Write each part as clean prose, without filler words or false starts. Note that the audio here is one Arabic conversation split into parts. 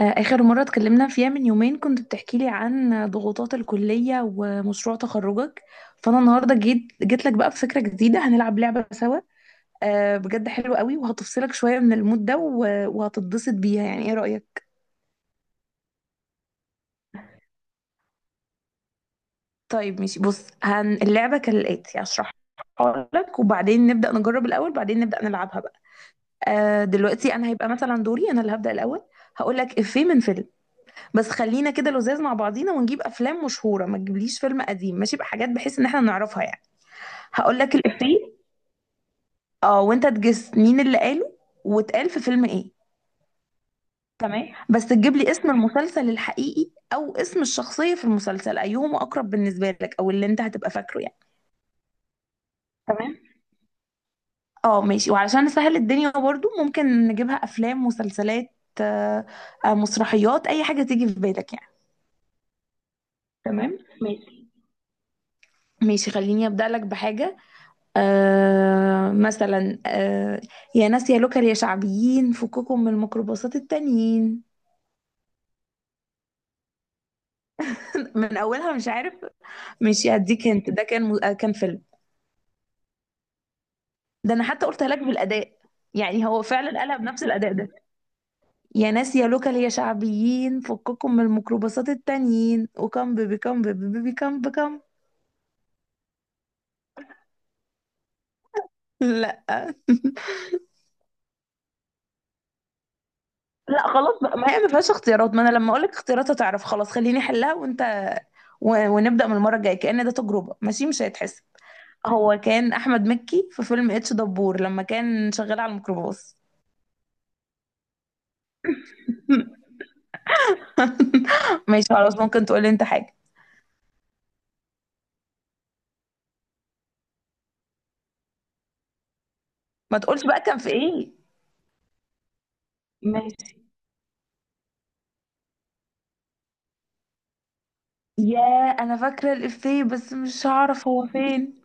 آخر مرة اتكلمنا فيها من يومين كنت بتحكي لي عن ضغوطات الكلية ومشروع تخرجك. فأنا النهاردة جيت لك بقى بفكرة جديدة، هنلعب لعبة سوا. بجد حلوة قوي وهتفصلك شوية من المود ده وهتتبسط بيها، يعني ايه رأيك؟ طيب ماشي بص اللعبة كالآتي، هشرحها لك وبعدين نبدأ نجرب الأول بعدين نبدأ نلعبها بقى. دلوقتي أنا هيبقى مثلا دوري، أنا اللي هبدأ الأول. هقول لك إفيه من فيلم، بس خلينا كده لزاز مع بعضينا ونجيب افلام مشهوره، ما تجيبليش فيلم قديم ماشي، بحاجات بحيث ان احنا نعرفها يعني. هقول لك الافيه، اه وانت تجس مين اللي قاله واتقال في فيلم ايه. تمام، بس تجيب لي اسم المسلسل الحقيقي او اسم الشخصيه في المسلسل، ايهم اقرب بالنسبه لك او اللي انت هتبقى فاكره يعني. تمام. اه ماشي، وعلشان نسهل الدنيا برضو ممكن نجيبها افلام، مسلسلات، آه، مسرحيات، اي حاجه تيجي في بالك يعني. تمام ماشي. ماشي خليني ابدا لك بحاجه. مثلا، يا ناس يا لوكال يا شعبيين، فككم من الميكروباصات التانيين. من اولها مش عارف. مش هديك انت، ده كان كان فيلم. ده انا حتى قلت لك بالاداء، يعني هو فعلا قالها بنفس الاداء ده. يا ناس يا لوكال يا شعبيين، فككم من الميكروباصات التانيين، وكم بيبي كم بيبي بيبي كم بكم. لا. لا خلاص بقى، ما هي ما فيهاش اختيارات، ما انا لما اقول لك اختيارات هتعرف خلاص، خليني احلها وانت ونبدا من المره الجايه، كأن ده تجربه ماشي مش هيتحسب. هو كان احمد مكي في فيلم اتش دبور لما كان شغال على الميكروباص. ماشي خلاص، ممكن تقولي انت حاجه. ما تقولش بقى كان في ايه. ماشي. يا، انا فاكره الافيه بس مش هعرف هو فين.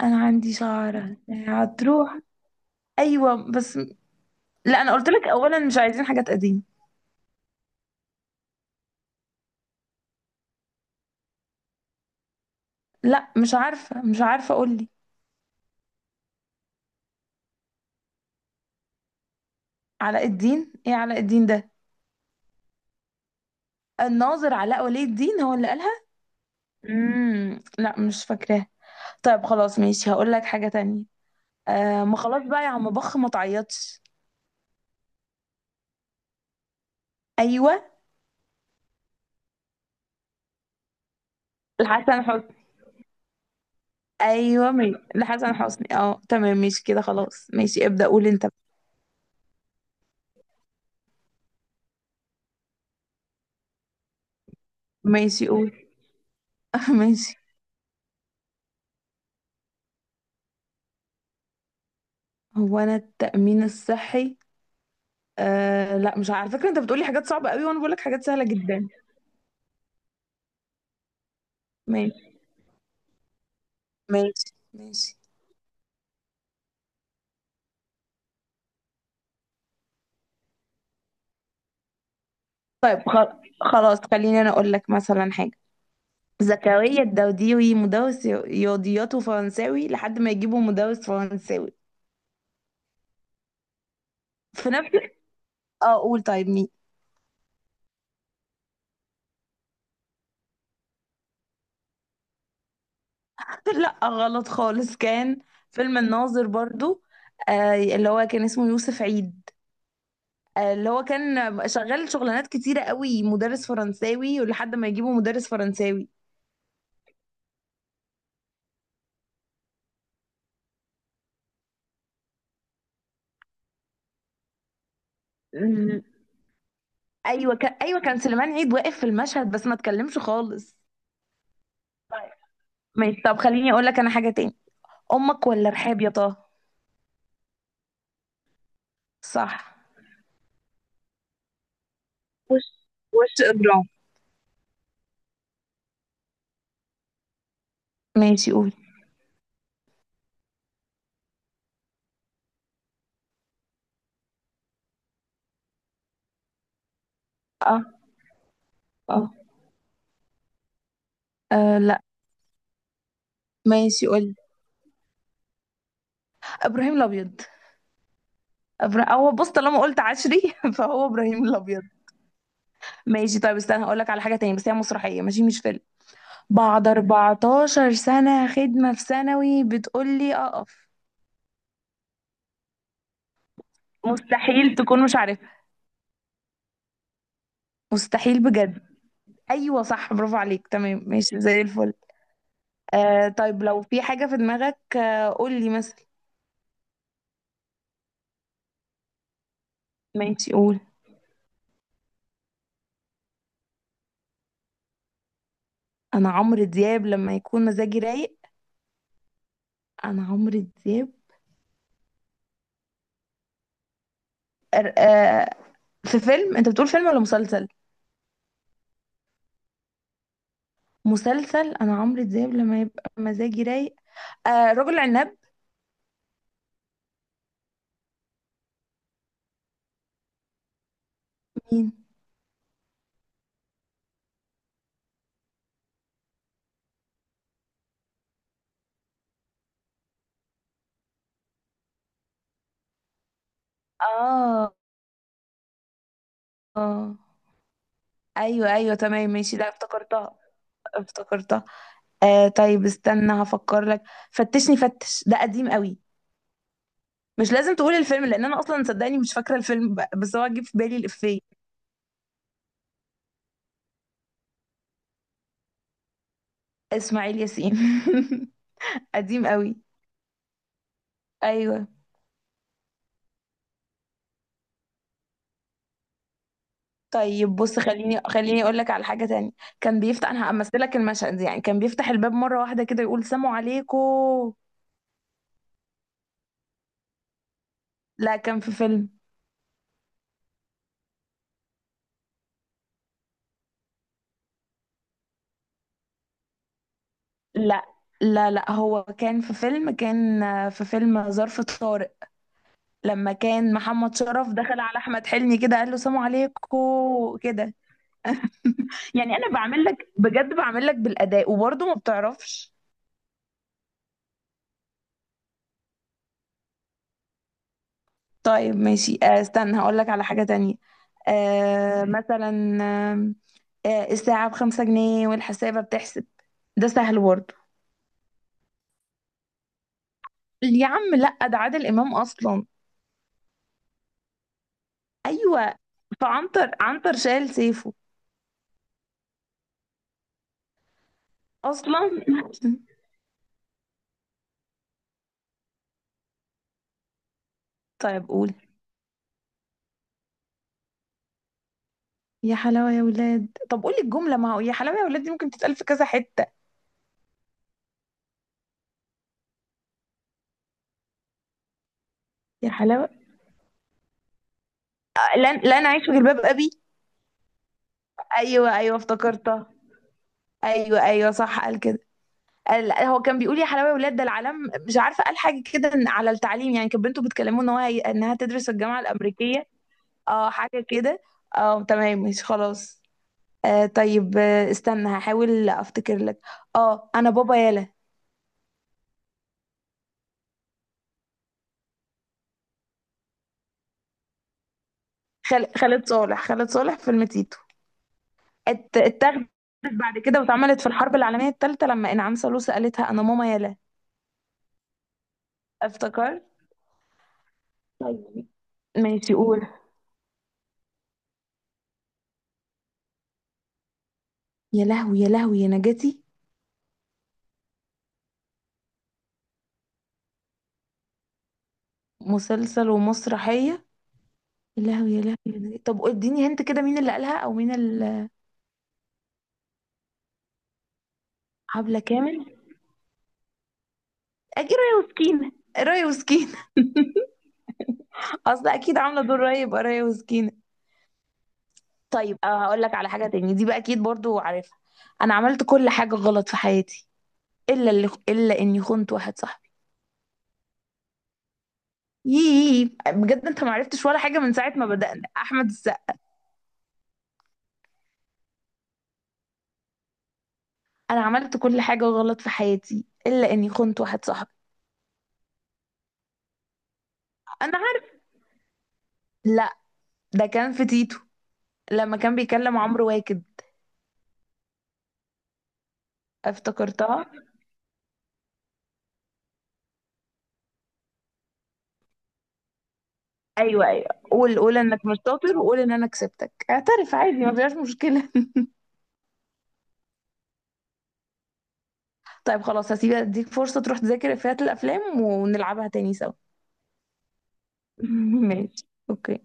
انا عندي شعره، هتروح. ايوه بس. لا انا قلت لك اولا مش عايزين حاجات قديمه. لا مش عارفه، مش عارفه اقول لي. علاء الدين ايه علاء الدين ده؟ الناظر علاء ولي الدين هو اللي قالها. لا مش فاكراه. طيب خلاص ماشي، هقول لك حاجه تانية. آه ما خلاص بقى يا عم بخ، ما تعيطش. ايوه. لحسن حسني. ايوه لحسن حسني، اه تمام ماشي كده، خلاص ماشي ابدأ قول انت. ماشي قول. ماشي. هو انا التأمين الصحي. آه لا مش عارفة. على فكرة انت بتقولي حاجات صعبة قوي وانا بقولك حاجات سهلة جدا. ماشي. ماشي ماشي. طيب خلاص خليني انا اقول لك مثلا حاجة. زكريا الدوديوي مدرس رياضيات وفرنساوي لحد ما يجيبوا مدرس فرنساوي. في نفس، اه قول طيب مين. لا غلط خالص، كان فيلم الناظر برضو. آه اللي هو كان اسمه يوسف عيد، آه اللي هو كان شغال شغلانات كتيرة قوي، مدرس فرنساوي ولحد ما يجيبوا مدرس فرنساوي. ال- ايوه كان، ايوه كان سليمان عيد واقف في المشهد بس ما اتكلمش خالص. طيب ماشي، طب خليني اقول لك انا حاجة تاني. امك ولا رحاب يا طه. صح. وش، وش إجرام. ماشي قول. اه. اه. لا. ماشي قول. ابراهيم الابيض. هو بص طالما قلت عشري فهو ابراهيم الابيض. ماشي طيب استنى، هقول لك على حاجه تانية بس هي مسرحيه ماشي، مش فيلم. بعد 14 سنه خدمه في ثانوي بتقول لي اقف. مستحيل تكون مش عارفها، مستحيل بجد. ايوه صح، برافو عليك، تمام ماشي زي الفل. آه طيب لو في حاجه في دماغك آه قول لي مثلا. ماشي قول. انا عمرو دياب لما يكون مزاجي رايق. انا عمرو دياب. آه في فيلم، انت بتقول فيلم ولا مسلسل؟ مسلسل. انا عمرو دياب لما يبقى مزاجي رايق. آه رجل عناب. مين؟ اه. اه. ايوه ايوه تمام ماشي، لا افتكرتها، افتكرتها. استنى هفكر لك. فتشني فتش، ده قديم قوي. مش لازم تقول الفيلم لان انا اصلا صدقني مش فاكره الفيلم بس هو جه في بالي الافيه. اسماعيل ياسين. قديم قوي. ايوه. طيب بص، خليني اقول لك على حاجه تانية. كان بيفتح، انا همثلك المشهد دي يعني، كان بيفتح الباب مره واحده كده يقول سلام عليكم. لا كان في فيلم. لا لا، لا هو كان في فيلم كان في فيلم ظرف طارق، لما كان محمد شرف دخل على احمد حلمي كده قال له سلام عليكم كده. يعني انا بعمل لك بجد، بعمل لك بالاداء وبرضه ما بتعرفش. طيب ماشي، استنى هقول لك على حاجة تانية. مثلا، الساعة بخمسة جنيه والحسابة بتحسب. ده سهل برضه. يا عم لا، ده عادل امام اصلا. ايوه. فعنتر عنتر شال سيفه. اصلا. طيب قول. يا حلاوة يا ولاد. طب قولي الجملة، ما هو يا حلاوة يا ولاد دي ممكن تتقال في كذا حتة. يا حلاوة. لن أعيش في جلباب أبي. أيوه أيوه افتكرتها. أيوه أيوه صح قال كده. قال، لا هو كان بيقول يا حلاوة يا ولاد ده العالم. مش عارفة، قال حاجة كده على التعليم يعني، كانت بنته بتكلمه إن هو إنها تدرس في الجامعة الأمريكية. اه حاجة كده. اه تمام مش خلاص. آه طيب، استنى هحاول أفتكر لك. اه أنا بابا يالا. خالد صالح، خالد صالح فيلم تيتو. اتاخدت بعد كده واتعملت في الحرب العالمية الثالثة لما انعام سالوسة قالتها انا ماما يلا. افتكرت. طيب. ماشي قول. يا لهوي يا لهوي يا نجاتي. مسلسل ومسرحية. يا لهوي يا لهوي يا نجاتي، طب اديني هنت كده مين اللي قالها او مين اللي. حبلة كامل. اكيد رايه وسكينة. رايه وسكينة. اصل اكيد عاملة دور رايه يبقى رايه وسكينة. طيب هقول لك على حاجة تاني دي بقى اكيد برضو عارفها. انا عملت كل حاجة غلط في حياتي، الا اللي، الا اني خنت واحد صاحبي. يي بجد انت ما عرفتش ولا حاجه من ساعه ما بدأنا؟ احمد السقا. انا عملت كل حاجه غلط في حياتي الا اني خنت واحد صاحبي. انا عارف. لا، ده كان في تيتو لما كان بيكلم عمرو واكد. افتكرتها. ايوه ايوه، قول قول انك مش شاطر وقول ان انا كسبتك، اعترف عادي ما فيهاش مشكله. طيب خلاص هسيبك اديك فرصه تروح تذاكر افيهات الافلام ونلعبها تاني سوا. ماشي. اوكي.